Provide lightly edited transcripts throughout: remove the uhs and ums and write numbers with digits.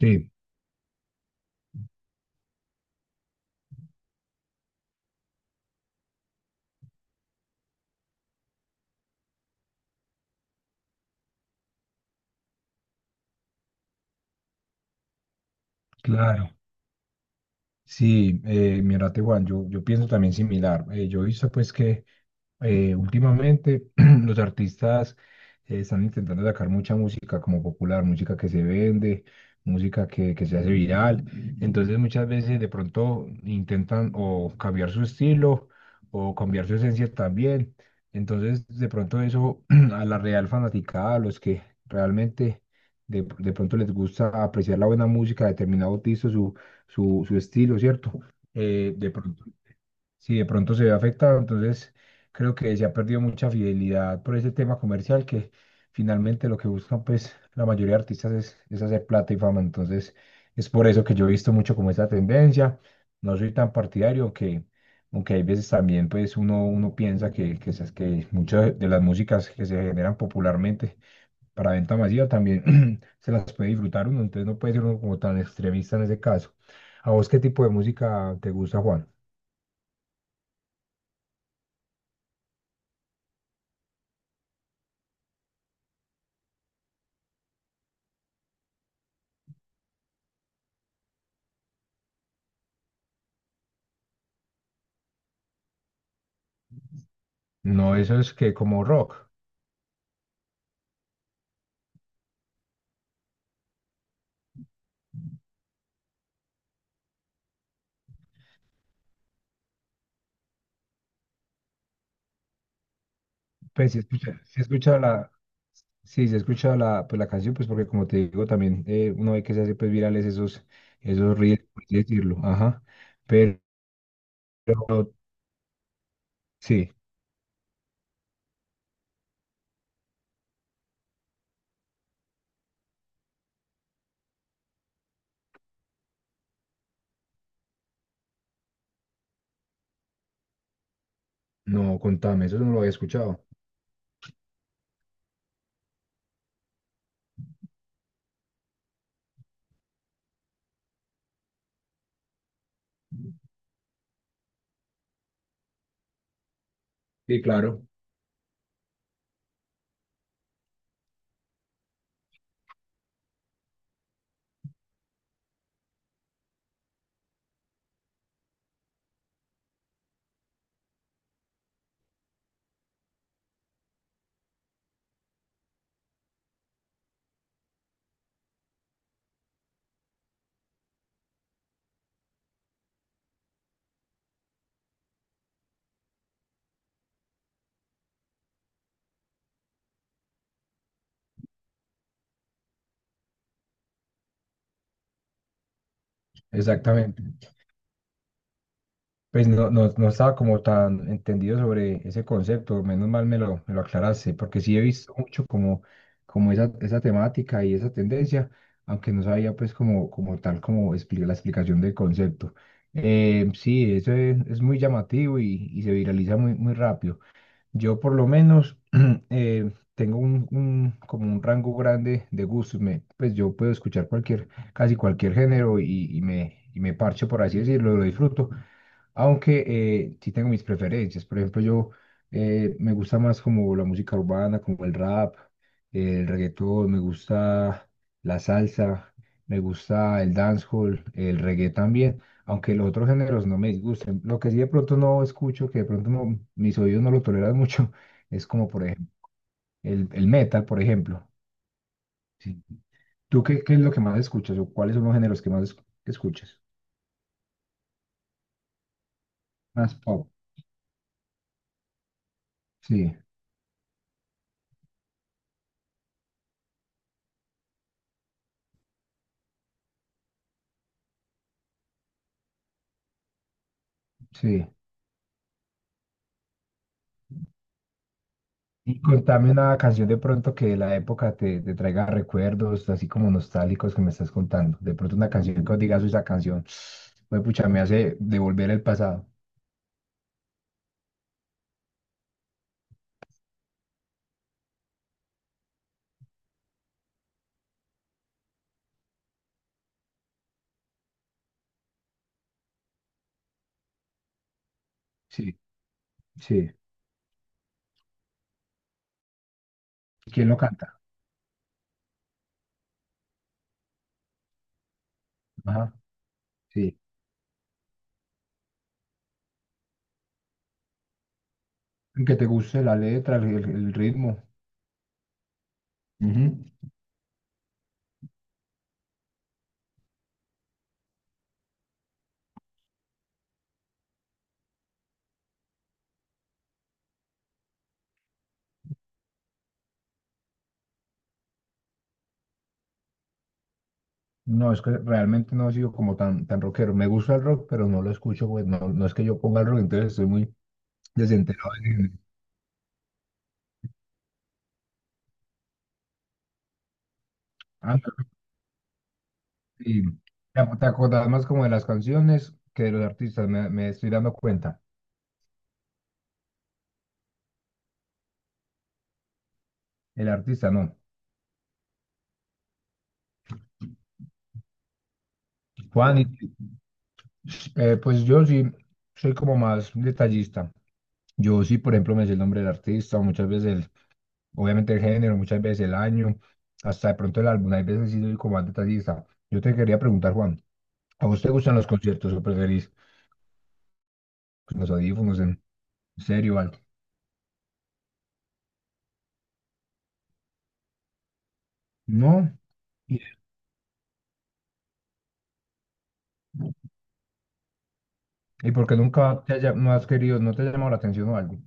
Sí, claro. Sí, mira, Tehuan, yo pienso también similar. Yo he visto pues que últimamente los artistas están intentando sacar mucha música como popular, música que se vende, música que se hace viral. Entonces muchas veces de pronto intentan o cambiar su estilo o cambiar su esencia también. Entonces de pronto eso a la real fanaticada, a los que realmente de pronto les gusta apreciar la buena música de determinado artista, su estilo, ¿cierto? De pronto, si de pronto se ve afectado, entonces creo que se ha perdido mucha fidelidad por ese tema comercial que finalmente lo que buscan pues la mayoría de artistas es hacer plata y fama, entonces es por eso que yo he visto mucho como esa tendencia, no soy tan partidario, aunque, aunque hay veces también pues uno piensa que que muchas de las músicas que se generan popularmente para venta masiva también se las puede disfrutar uno, entonces no puede ser uno como tan extremista en ese caso. ¿A vos qué tipo de música te gusta, Juan? No, eso es que como rock. Pues si escucha, sí, si escucha la, pues, la canción, pues porque como te digo también, uno ve que se hace pues virales esos reels, por así decirlo, ajá. Pero sí, no, contame, eso no lo había escuchado. Sí, claro, exactamente. Pues no estaba como tan entendido sobre ese concepto, menos mal me lo aclaraste, porque sí he visto mucho como, como esa temática y esa tendencia, aunque no sabía pues como, la explicación del concepto. Sí, eso es muy llamativo y se viraliza muy rápido. Yo por lo menos tengo como un rango grande de gustos, pues yo puedo escuchar cualquier, casi cualquier género y me parcho, por así decirlo, lo disfruto aunque sí tengo mis preferencias. Por ejemplo, yo me gusta más como la música urbana, como el rap, el reggaetón, me gusta la salsa, me gusta el dancehall, el reggae también. Aunque los otros géneros no me disgusten. Lo que sí de pronto no escucho, que de pronto no- mis oídos no lo toleran mucho, es como por ejemplo el metal, por ejemplo. Sí. ¿Tú qué es lo que más escuchas o cuáles son los géneros que escuchas? Más pop. Sí, sí. Y contame una canción de pronto que de la época te traiga recuerdos, así como nostálgicos que me estás contando. De pronto una canción que os digas, "Uy, esa canción, pues pucha, me hace devolver el pasado. Sí, sí. ¿Quién lo canta? Ajá, sí. Que te guste la letra, el ritmo. Ujú. No, es que realmente no he sido como tan, tan rockero. Me gusta el rock, pero no lo escucho, pues no, no es que yo ponga el rock, entonces estoy muy desenterado. Sí, te acordás más como de las canciones que de los artistas, me estoy dando cuenta. El artista no. Juan, pues yo sí soy como más detallista. Yo sí, por ejemplo, me sé el nombre del artista, muchas veces, obviamente el género, muchas veces el año, hasta de pronto el álbum. Hay veces sí soy como más detallista. Yo te quería preguntar, Juan, ¿a vos te gustan los conciertos o preferís pues, los audífonos en serio o algo? No. ¿Y por qué nunca te haya, no has querido, no te ha llamado la atención o algo?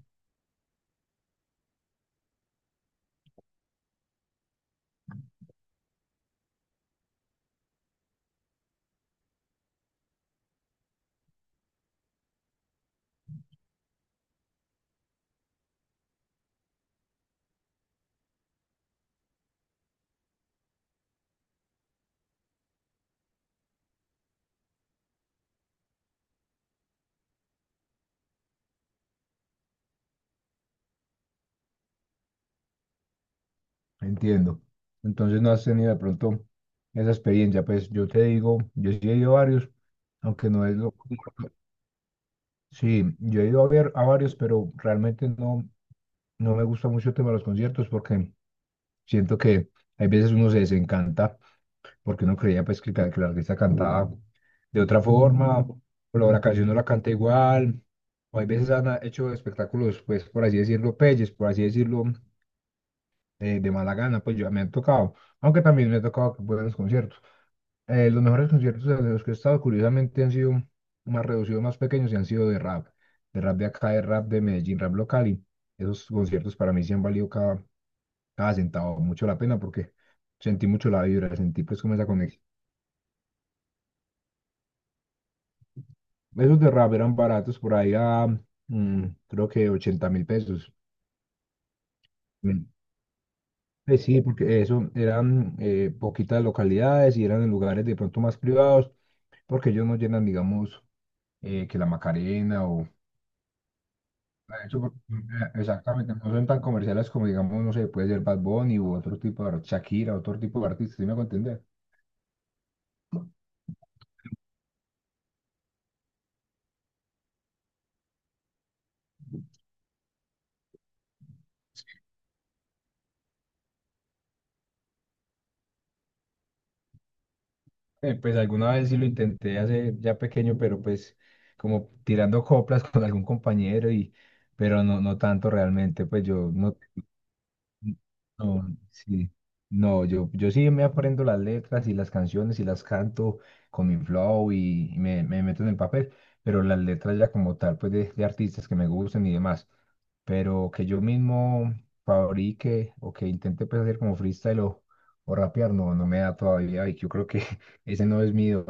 Entiendo. Entonces no has tenido de pronto esa experiencia. Pues yo te digo, yo sí he ido a varios, aunque no es lo... Sí, yo he ido a ver a varios, pero realmente no, no me gusta mucho el tema de los conciertos porque siento que hay veces uno se desencanta porque uno creía pues que, que la artista cantaba de otra forma, o la la canción no la canta igual, o hay veces han hecho espectáculos, pues por así decirlo, peyes, por así decirlo, de mala gana, pues yo me han tocado, aunque también me ha tocado que buenos conciertos. Eh, los mejores conciertos de los que he estado, curiosamente, han sido más reducidos, más pequeños y han sido de rap, de rap de acá, de rap de Medellín, rap local. Y esos conciertos para mí sí han valido cada, cada centavo, mucho la pena porque sentí mucho la vibra, sentí pues como esa conexión. Esos de rap eran baratos por ahí a mm, creo que 80.000 pesos. Mm. Sí, porque eso eran poquitas localidades y eran en lugares de pronto más privados, porque ellos no llenan, digamos, que la Macarena o De hecho, exactamente, no son tan comerciales como, digamos, no sé, puede ser Bad Bunny u otro tipo Shakira, otro tipo de artista, ¿sí me hago entender? Pues alguna vez sí lo intenté hace ya pequeño, pero pues como tirando coplas con algún compañero y pero no tanto realmente, pues yo no No, sí. No, yo sí me aprendo las letras y las canciones y las canto con mi flow y me meto en el papel, pero las letras ya como tal, pues de artistas que me gusten y demás, pero que yo mismo fabrique o que intente pues hacer como freestyle o rapear, no, no me da todavía y yo creo que ese no es mío.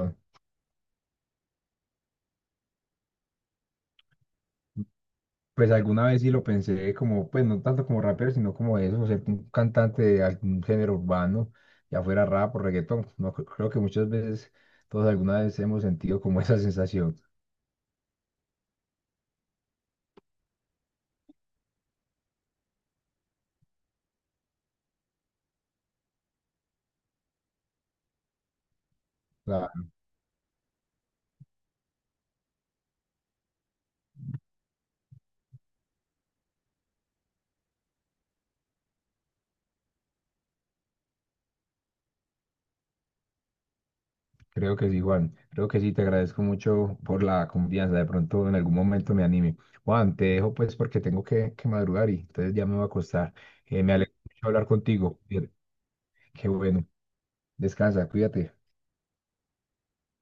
Pues alguna vez sí lo pensé como, pues no tanto como rapero, sino como eso, ser un cantante de algún género urbano, ya fuera rap o reggaetón. No, creo que muchas veces, todos alguna vez hemos sentido como esa sensación. La- creo que sí, Juan. Creo que sí, te agradezco mucho por la confianza. De pronto en algún momento me anime. Juan, te dejo pues porque tengo que madrugar y entonces ya me voy a acostar. Me alegro mucho hablar contigo. Qué bueno. Descansa, cuídate.